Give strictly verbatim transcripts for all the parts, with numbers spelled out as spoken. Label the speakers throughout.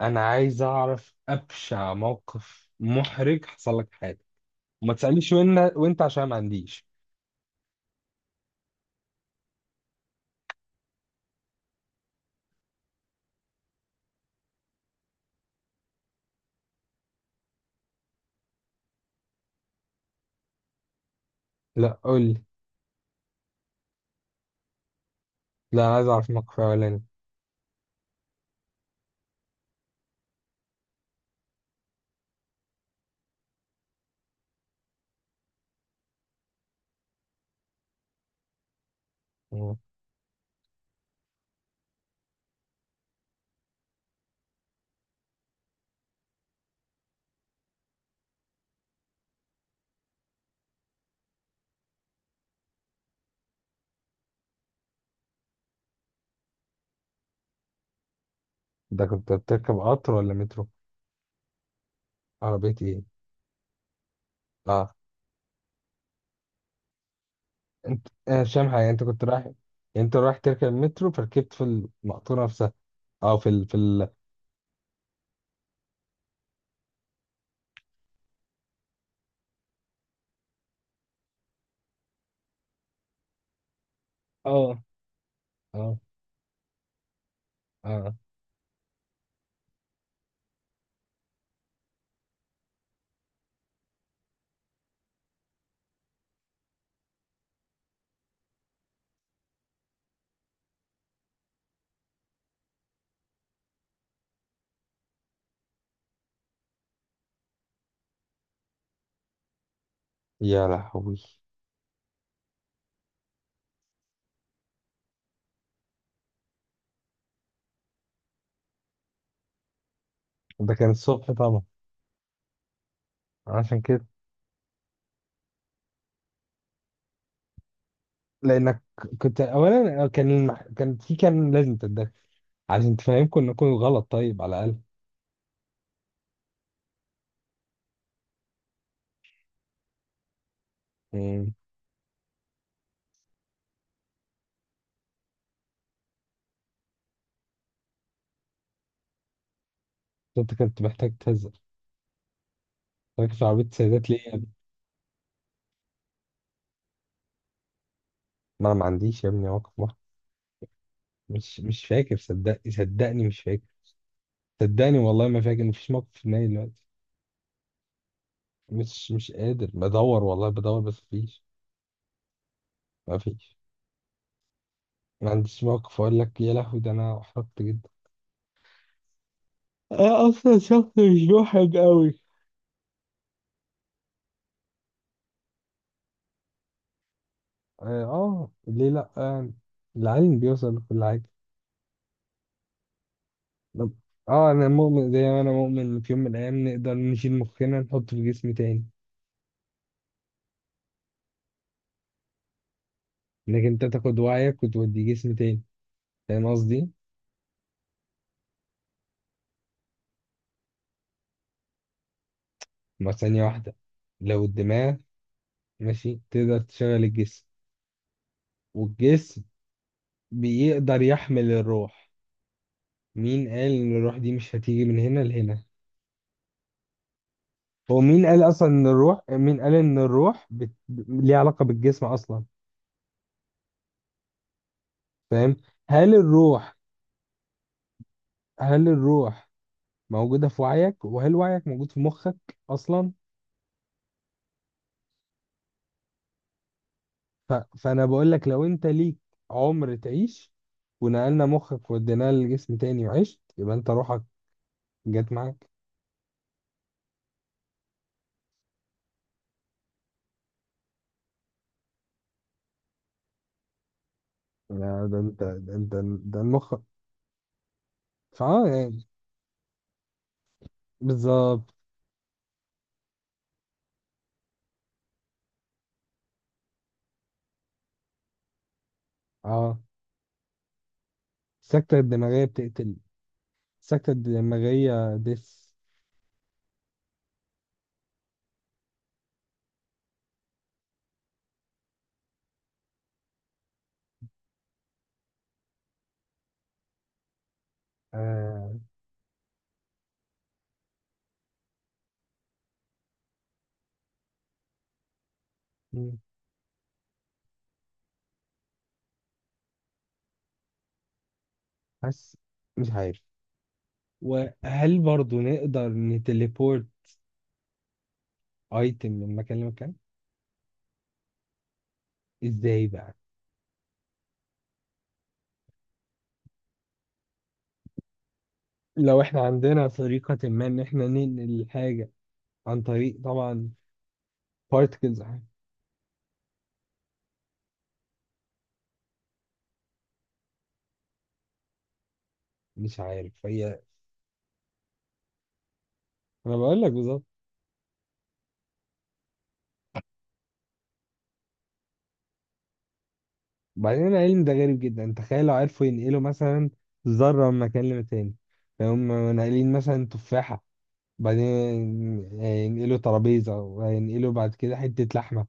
Speaker 1: انا عايز اعرف ابشع موقف محرج حصل لك في حياتك، وما تسالنيش وين وانت عشان ما عنديش. لا، قول لي. لا، انا عايز اعرف الموقف الاولاني. مم. ده كنت بتركب قطر ولا مترو؟ عربيه ايه؟ اه. انت آه، مش فاهم حاجه. انت كنت رايح يعني، انت رايح تركب المترو فركبت في المقطوره نفسها، او في ال... في ال... اه، اه، اه، يا لهوي. ده كان الصبح طبعا، عشان كده. لانك كنت اولا، كان المح... كان في كان لازم تتدخل عشان تفهمكم انكم غلط، طيب، على الاقل. امم انت كنت محتاج تهزر؟ راكب في عربيه سيدات ليه يا ابني؟ ما انا ما عنديش يا ابني موقف واحد. مش مش فاكر، صدقني صدقني، مش فاكر. صدقني والله، ما فاكر، مفيش موقف في دماغي دلوقتي. مش مش قادر، بدور والله، بدور بس مفيش مفيش. ما عنديش موقف اقول لك، يا لهوي، ده انا احرجت جدا. انا اصلا شخص مش محرج قوي. اه، آه، ليه لا يعني؟ العلم بيوصل لكل حاجه. طب- اه، انا مؤمن زي ما انا مؤمن ان في يوم من الايام نقدر نشيل مخنا نحطه في جسم تاني. انك انت تاخد وعيك وتوديه جسم تاني. فاهم قصدي؟ ما ثانية واحدة، لو الدماغ ماشي تقدر تشغل الجسم، والجسم بيقدر يحمل الروح، مين قال ان الروح دي مش هتيجي من هنا لهنا؟ هو مين قال اصلا ان الروح، مين قال ان الروح بت... ليها علاقة بالجسم اصلا؟ فاهم؟ هل الروح هل الروح موجودة في وعيك؟ وهل وعيك موجود في مخك اصلا؟ ف... فانا بقول لك، لو انت ليك عمر تعيش، ونقلنا مخك وديناه لجسم تاني وعشت، يبقى انت روحك جت معاك. يا ده انت، ده انت، ده المخ. فاه يعني، بالظبط. اه، السكتة الدماغية بتقتل. السكتة الدماغية دس. آه. مم. حاسس. مش عارف. وهل برضو نقدر نتليبورت ايتم من مكان لمكان؟ ازاي بقى؟ لو احنا عندنا طريقة ما ان احنا ننقل الحاجة عن طريق، طبعا، بارتكلز. مش عارف هي. انا بقول لك بالظبط. بعدين العلم ده غريب جدا. تخيل لو عرفوا ينقلوا مثلا ذره من مكان لمكان، هم ناقلين مثلا تفاحه، بعدين هينقلوا ترابيزه، وهينقلوا بعد كده حته لحمه،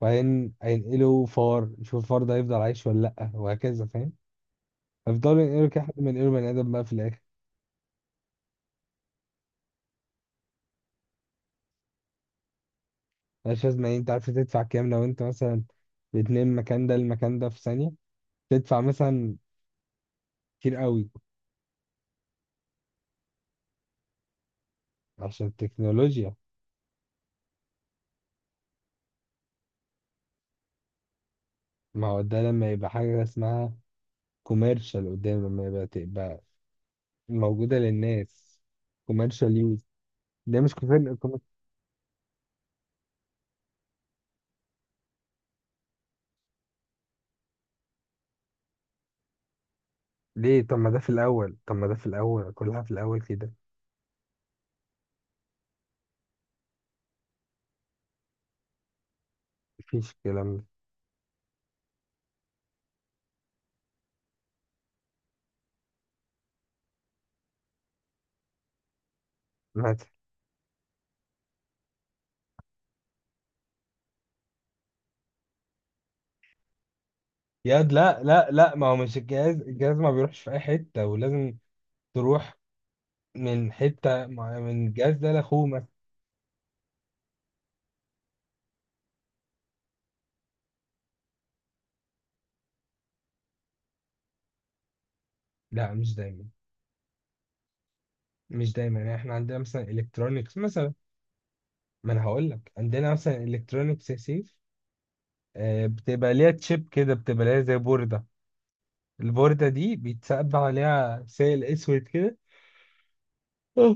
Speaker 1: وبعدين هينقلوا فار، شوف الفار ده هيفضل عايش ولا لا، وهكذا، فاهم؟ هيفضلوا ينقلوا كده لحد ما ينقلوا بني ادم بقى في الاخر. مش لازم يعني. انت عارف تدفع كام لو انت مثلا بتنام المكان ده للمكان ده في ثانيه؟ تدفع مثلا كتير قوي. عشان التكنولوجيا. ما هو ده لما يبقى حاجة اسمها كوميرشال قدام، لما يبقى، تبقى موجودة للناس، كوميرشال يوز. ده مش كوميرشال. ليه؟ طب ما ده في الأول، طب ما ده في الأول، كلها في الأول كده. مفيش الكلام ده. مات. يا د- لا، لا، لا، ما هو مش الجهاز، الجهاز ما بيروحش في أي حتة، ولازم تروح من حتة، مع- من الجهاز ده لأخوه مثلا. لا، مش دايما. مش دايما يعني، احنا عندنا مثلا الكترونيكس مثلا. ما انا هقول لك عندنا مثلا الكترونيكس يا سيف. آه، بتبقى ليها تشيب كده، بتبقى ليها زي بوردة، البوردة دي بيتسقب عليها سائل اسود كده. آه.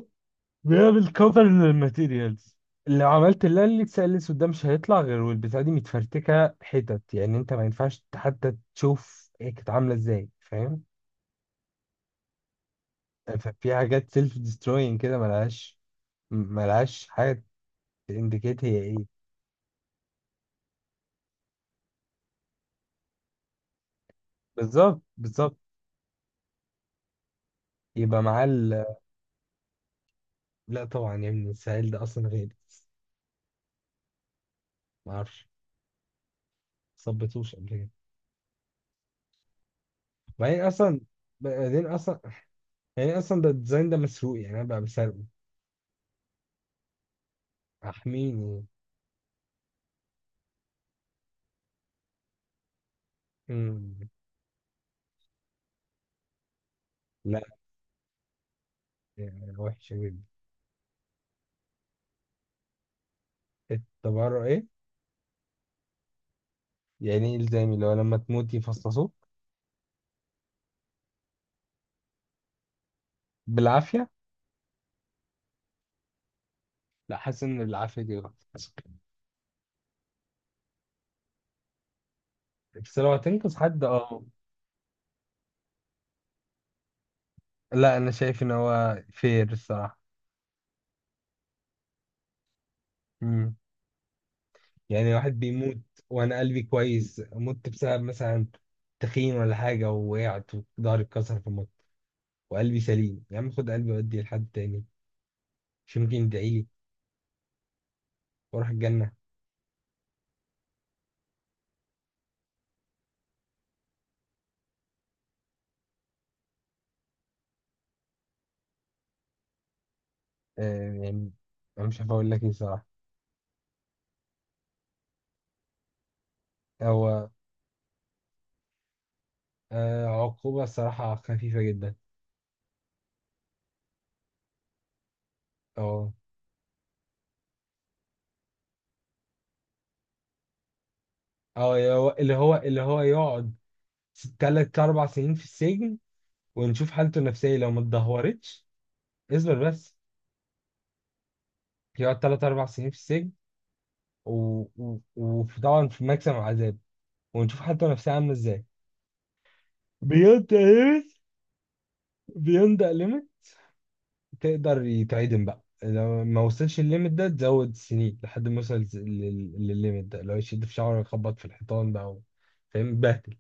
Speaker 1: بيعمل كفر للماتيريالز. لو عملت اللي اللي السائل الاسود ده مش هيطلع غير، والبتاعة دي متفرتكة حتت، يعني انت ما ينفعش حتى تشوف هي كانت عاملة ازاي، فاهم؟ ففي حاجات سيلف ديستروينج كده، ملهاش ملهاش حاجة تindicate هي ايه. بالظبط، بالظبط. يبقى معاه ال... لا طبعا يا ابني، السائل ده اصلا غالي. معرفش. مصبتوش قبل كده. وبعدين اصلا بعدين اصلا، يعني اصلا ده الديزاين ده مسروق، يعني انا بقى بسرقه احميه و- مم. لا، يعني وحشه جدا. التبرع ايه؟ يعني ايه الزامي؟ لو لما تموت يفصصوك؟ بالعافيه. لا، حاسس ان العافيه دي غلط. بس لو هتنقذ حد، اه. لا، انا شايف ان هو فير الصراحه. مم. يعني واحد بيموت وانا قلبي كويس، مت بسبب مثلا تخين ولا حاجه، ووقعت وضهري اتكسر فمت، وقلبي سليم، يا عم خد قلبي وديه لحد تاني، مش ممكن يدعي لي واروح الجنه؟ آه، يعني، أنا مش عارف أقول لك إيه صراحة. هو آه، عقوبة صراحة خفيفة جدا. أه. أه، اللي هو اللي هو اللي هو يقعد س- تلات أربع سنين في السجن، ونشوف حالته النفسية لو ما اتدهورتش. اصبر بس، يقعد تلات أربع سنين في السجن، و- و- وطبعا في ماكسيمم عذاب، ونشوف حالته النفسية عاملة إزاي. بينطق ليميت. بينطق. تقدر يتعدم بقى لو ما وصلش الليميت ده، تزود سنين لحد ما يوصل لل- لل- للليميت ده، لو يشد في شعره يخبط في الحيطان بقى و- فاهم بهدل.